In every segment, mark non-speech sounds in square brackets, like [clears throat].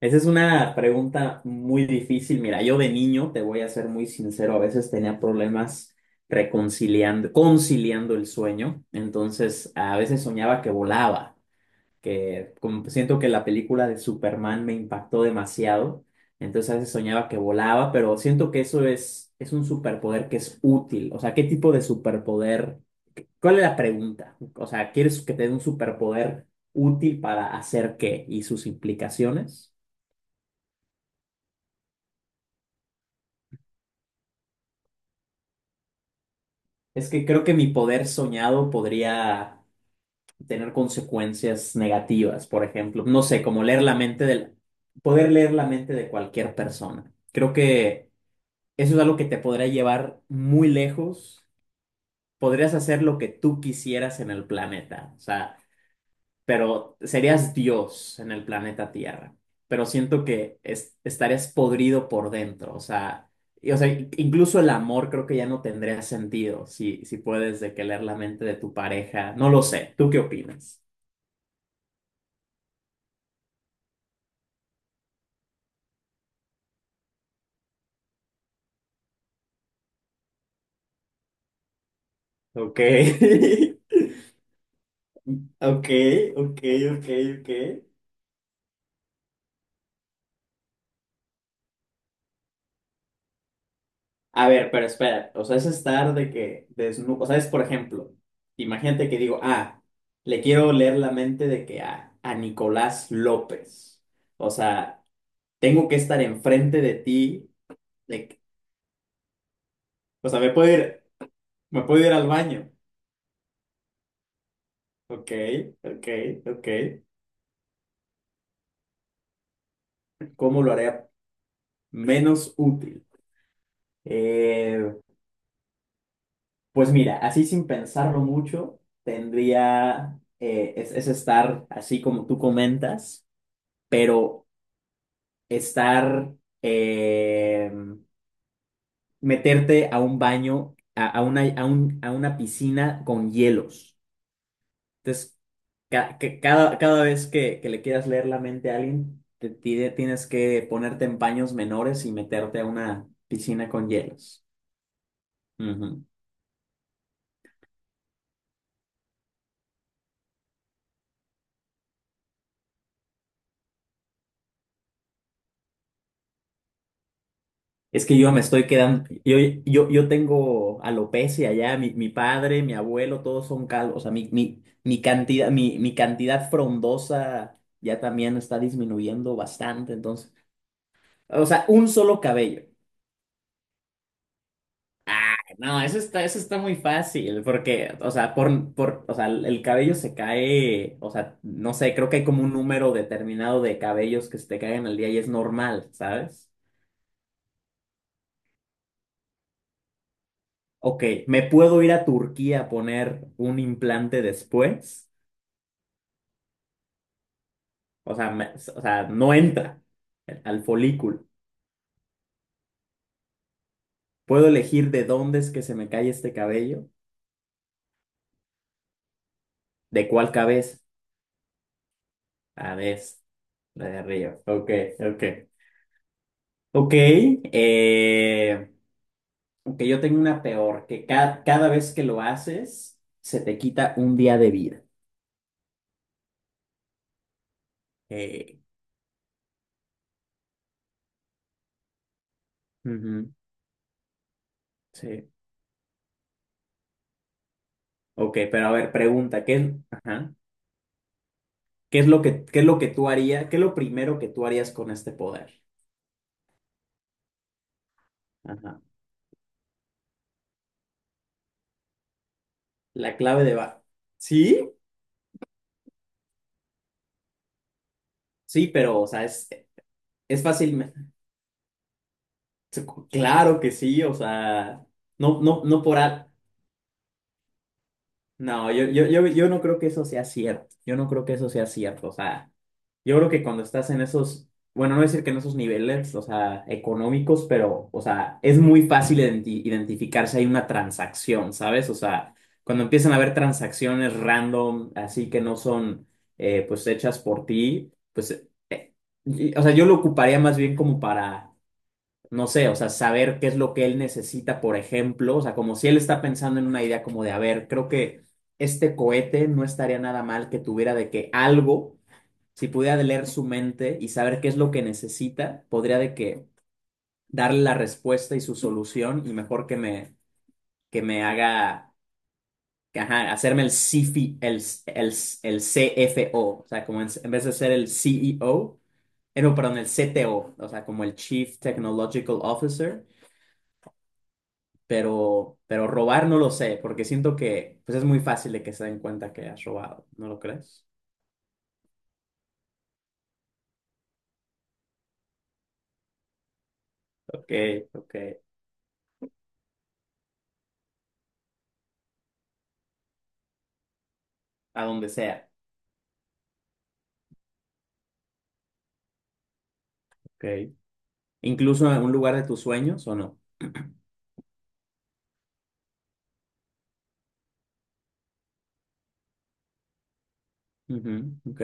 Esa es una pregunta muy difícil. Mira, yo de niño, te voy a ser muy sincero, a veces tenía problemas conciliando el sueño. Entonces, a veces soñaba que volaba, que como siento que la película de Superman me impactó demasiado. Entonces, a veces soñaba que volaba, pero siento que eso es un superpoder que es útil. O sea, ¿qué tipo de superpoder? ¿Cuál es la pregunta? O sea, ¿quieres que te dé un superpoder útil para hacer qué y sus implicaciones? Es que creo que mi poder soñado podría tener consecuencias negativas, por ejemplo, no sé, como leer la mente del, poder leer la mente de cualquier persona. Creo que eso es algo que te podría llevar muy lejos. Podrías hacer lo que tú quisieras en el planeta. O sea, pero serías Dios en el planeta Tierra. Pero siento que estarías podrido por dentro, o sea, o sea, incluso el amor creo que ya no tendría sentido si puedes de que leer la mente de tu pareja. No lo sé, ¿tú qué opinas? Ok, [laughs] ok, ok, ok, ok. A ver, pero espera, o sea, es estar de que desnudo, o sea, es por ejemplo, imagínate que digo, ah, le quiero leer la mente de que a Nicolás López. O sea, tengo que estar enfrente de ti, de que- o sea, me puedo ir al baño. Ok, ok, ok. ¿Cómo lo haré menos útil? Eh, pues mira, así sin pensarlo mucho, tendría, es estar así como tú comentas, pero estar, eh, meterte a un baño, a una piscina con hielos. Entonces, cada vez que le quieras leer la mente a alguien, tienes que ponerte en paños menores y meterte a una piscina con hielos. Ujú. Es que yo me estoy quedando, yo tengo alopecia ya, mi padre, mi abuelo, todos son calvos, o sea, mi cantidad frondosa ya también está disminuyendo bastante, entonces, o sea, un solo cabello. No, eso está muy fácil, porque, o sea, o sea, el cabello se cae, o sea, no sé, creo que hay como un número determinado de cabellos que se te caen al día y es normal, ¿sabes? Ok, ¿me puedo ir a Turquía a poner un implante después? O sea, o sea, no entra al folículo. ¿Puedo elegir de dónde es que se me cae este cabello? ¿De cuál cabeza? A ver, la de arriba. Ok, ok. Ok, eh... Aunque yo tengo una peor, que cada vez que lo haces, se te quita un día de vida. Eh, ujú, sí. Ok, pero a ver, pregunta, ajá, ¿qué es lo que, qué es lo que tú harías? ¿Qué es lo primero que tú harías con este poder? Ajá. La clave de va. ¿Sí? Sí, pero, o sea, es fácil. Claro que sí, o sea, no por algo. No, yo no creo que eso sea cierto. Yo no creo que eso sea cierto. O sea, yo creo que cuando estás en esos, bueno, no decir que en esos niveles, o sea, económicos, pero, o sea, es muy fácil identificar si hay una transacción, ¿sabes? O sea, cuando empiezan a haber transacciones random, así que no son, pues, hechas por ti, pues, o sea, yo lo ocuparía más bien como para no sé, o sea, saber qué es lo que él necesita, por ejemplo, o sea, como si él está pensando en una idea como de, a ver, creo que este cohete no estaría nada mal que tuviera de que algo, si pudiera leer su mente y saber qué es lo que necesita, podría de que darle la respuesta y su solución y mejor que me haga, que, ajá, hacerme el CFI, el, el CFO, o sea, como en vez de ser el CEO. No, perdón, el CTO, o sea, como el Chief Technological Officer, pero robar no lo sé, porque siento que pues es muy fácil de que se den cuenta que has robado, ¿no lo crees? Ok, ok, a donde sea, ok. Incluso en un lugar de tus sueños o no. [clears throat] Ujú, ok.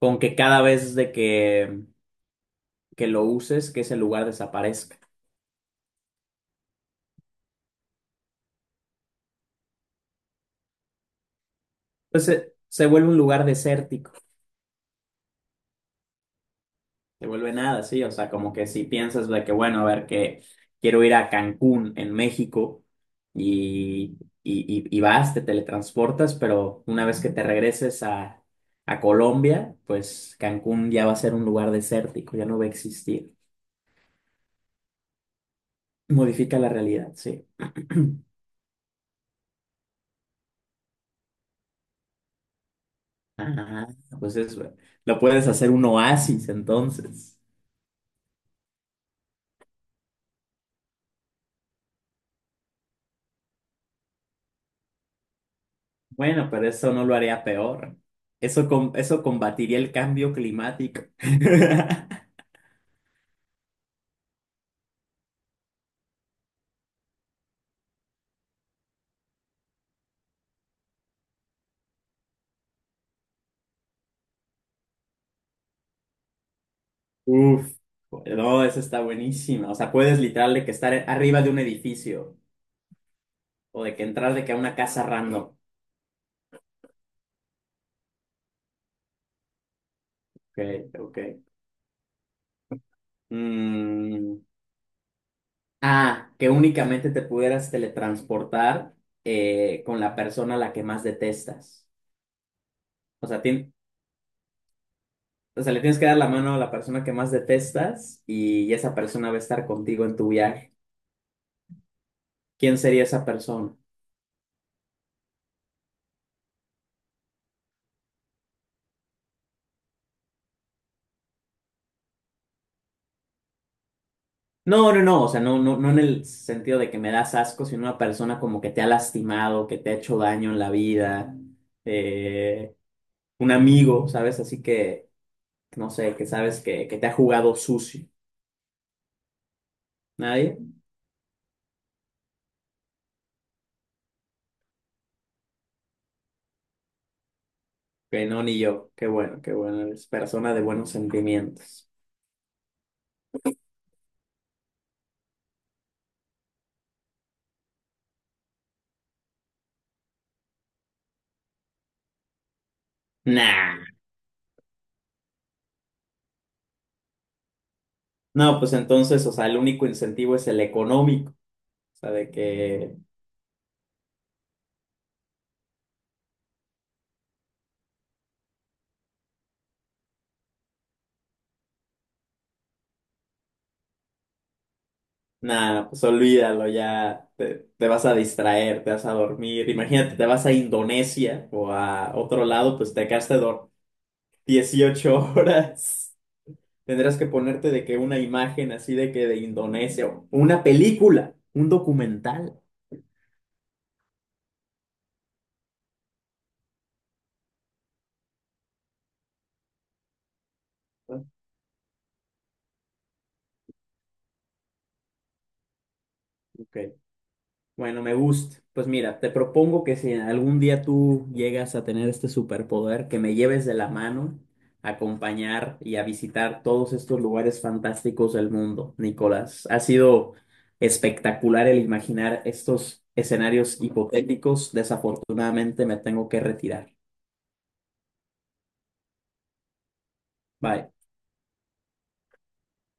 Con que cada vez de que lo uses, que ese lugar desaparezca. Entonces se vuelve un lugar desértico. Te vuelve nada, sí. O sea, como que si piensas de que, bueno, a ver, que quiero ir a Cancún, en México, y, y vas, te teletransportas, pero una vez que te regreses a Colombia, pues Cancún ya va a ser un lugar desértico, ya no va a existir. Modifica la realidad, sí. [clears throat] Ah, pues eso. Lo puedes hacer un oasis entonces. Bueno, pero eso no lo haría peor. Eso, eso combatiría el cambio climático. [laughs] Uf, no, esa está buenísima. O sea, puedes literal de que estar arriba de un edificio o de que entrar de que a una casa random. Ok, ok. Mm, ah, que únicamente te pudieras teletransportar con la persona a la que más detestas. O sea, o sea, le tienes que dar la mano a la persona que más detestas y esa persona va a estar contigo en tu viaje. ¿Quién sería esa persona? No, no, no, o sea, no, no, no en el sentido de que me das asco, sino una persona como que te ha lastimado, que te ha hecho daño en la vida, eh, un amigo, ¿sabes? Así que, no sé, que te ha jugado sucio. ¿Nadie? Que no, ni yo. Qué bueno, eres persona de buenos sentimientos. Nah. No, pues entonces, o sea, el único incentivo es el económico, o sea, de que nada, pues olvídalo, ya te vas a distraer, te vas a dormir. Imagínate, te vas a Indonesia o a otro lado, pues te quedaste 18 [laughs] horas. Tendrás que ponerte de que una imagen así de que de Indonesia, o una película, un documental. Ok. Bueno, me gusta. Pues mira, te propongo que si algún día tú llegas a tener este superpoder, que me lleves de la mano a acompañar y a visitar todos estos lugares fantásticos del mundo, Nicolás. Ha sido espectacular el imaginar estos escenarios hipotéticos. Desafortunadamente me tengo que retirar. Bye.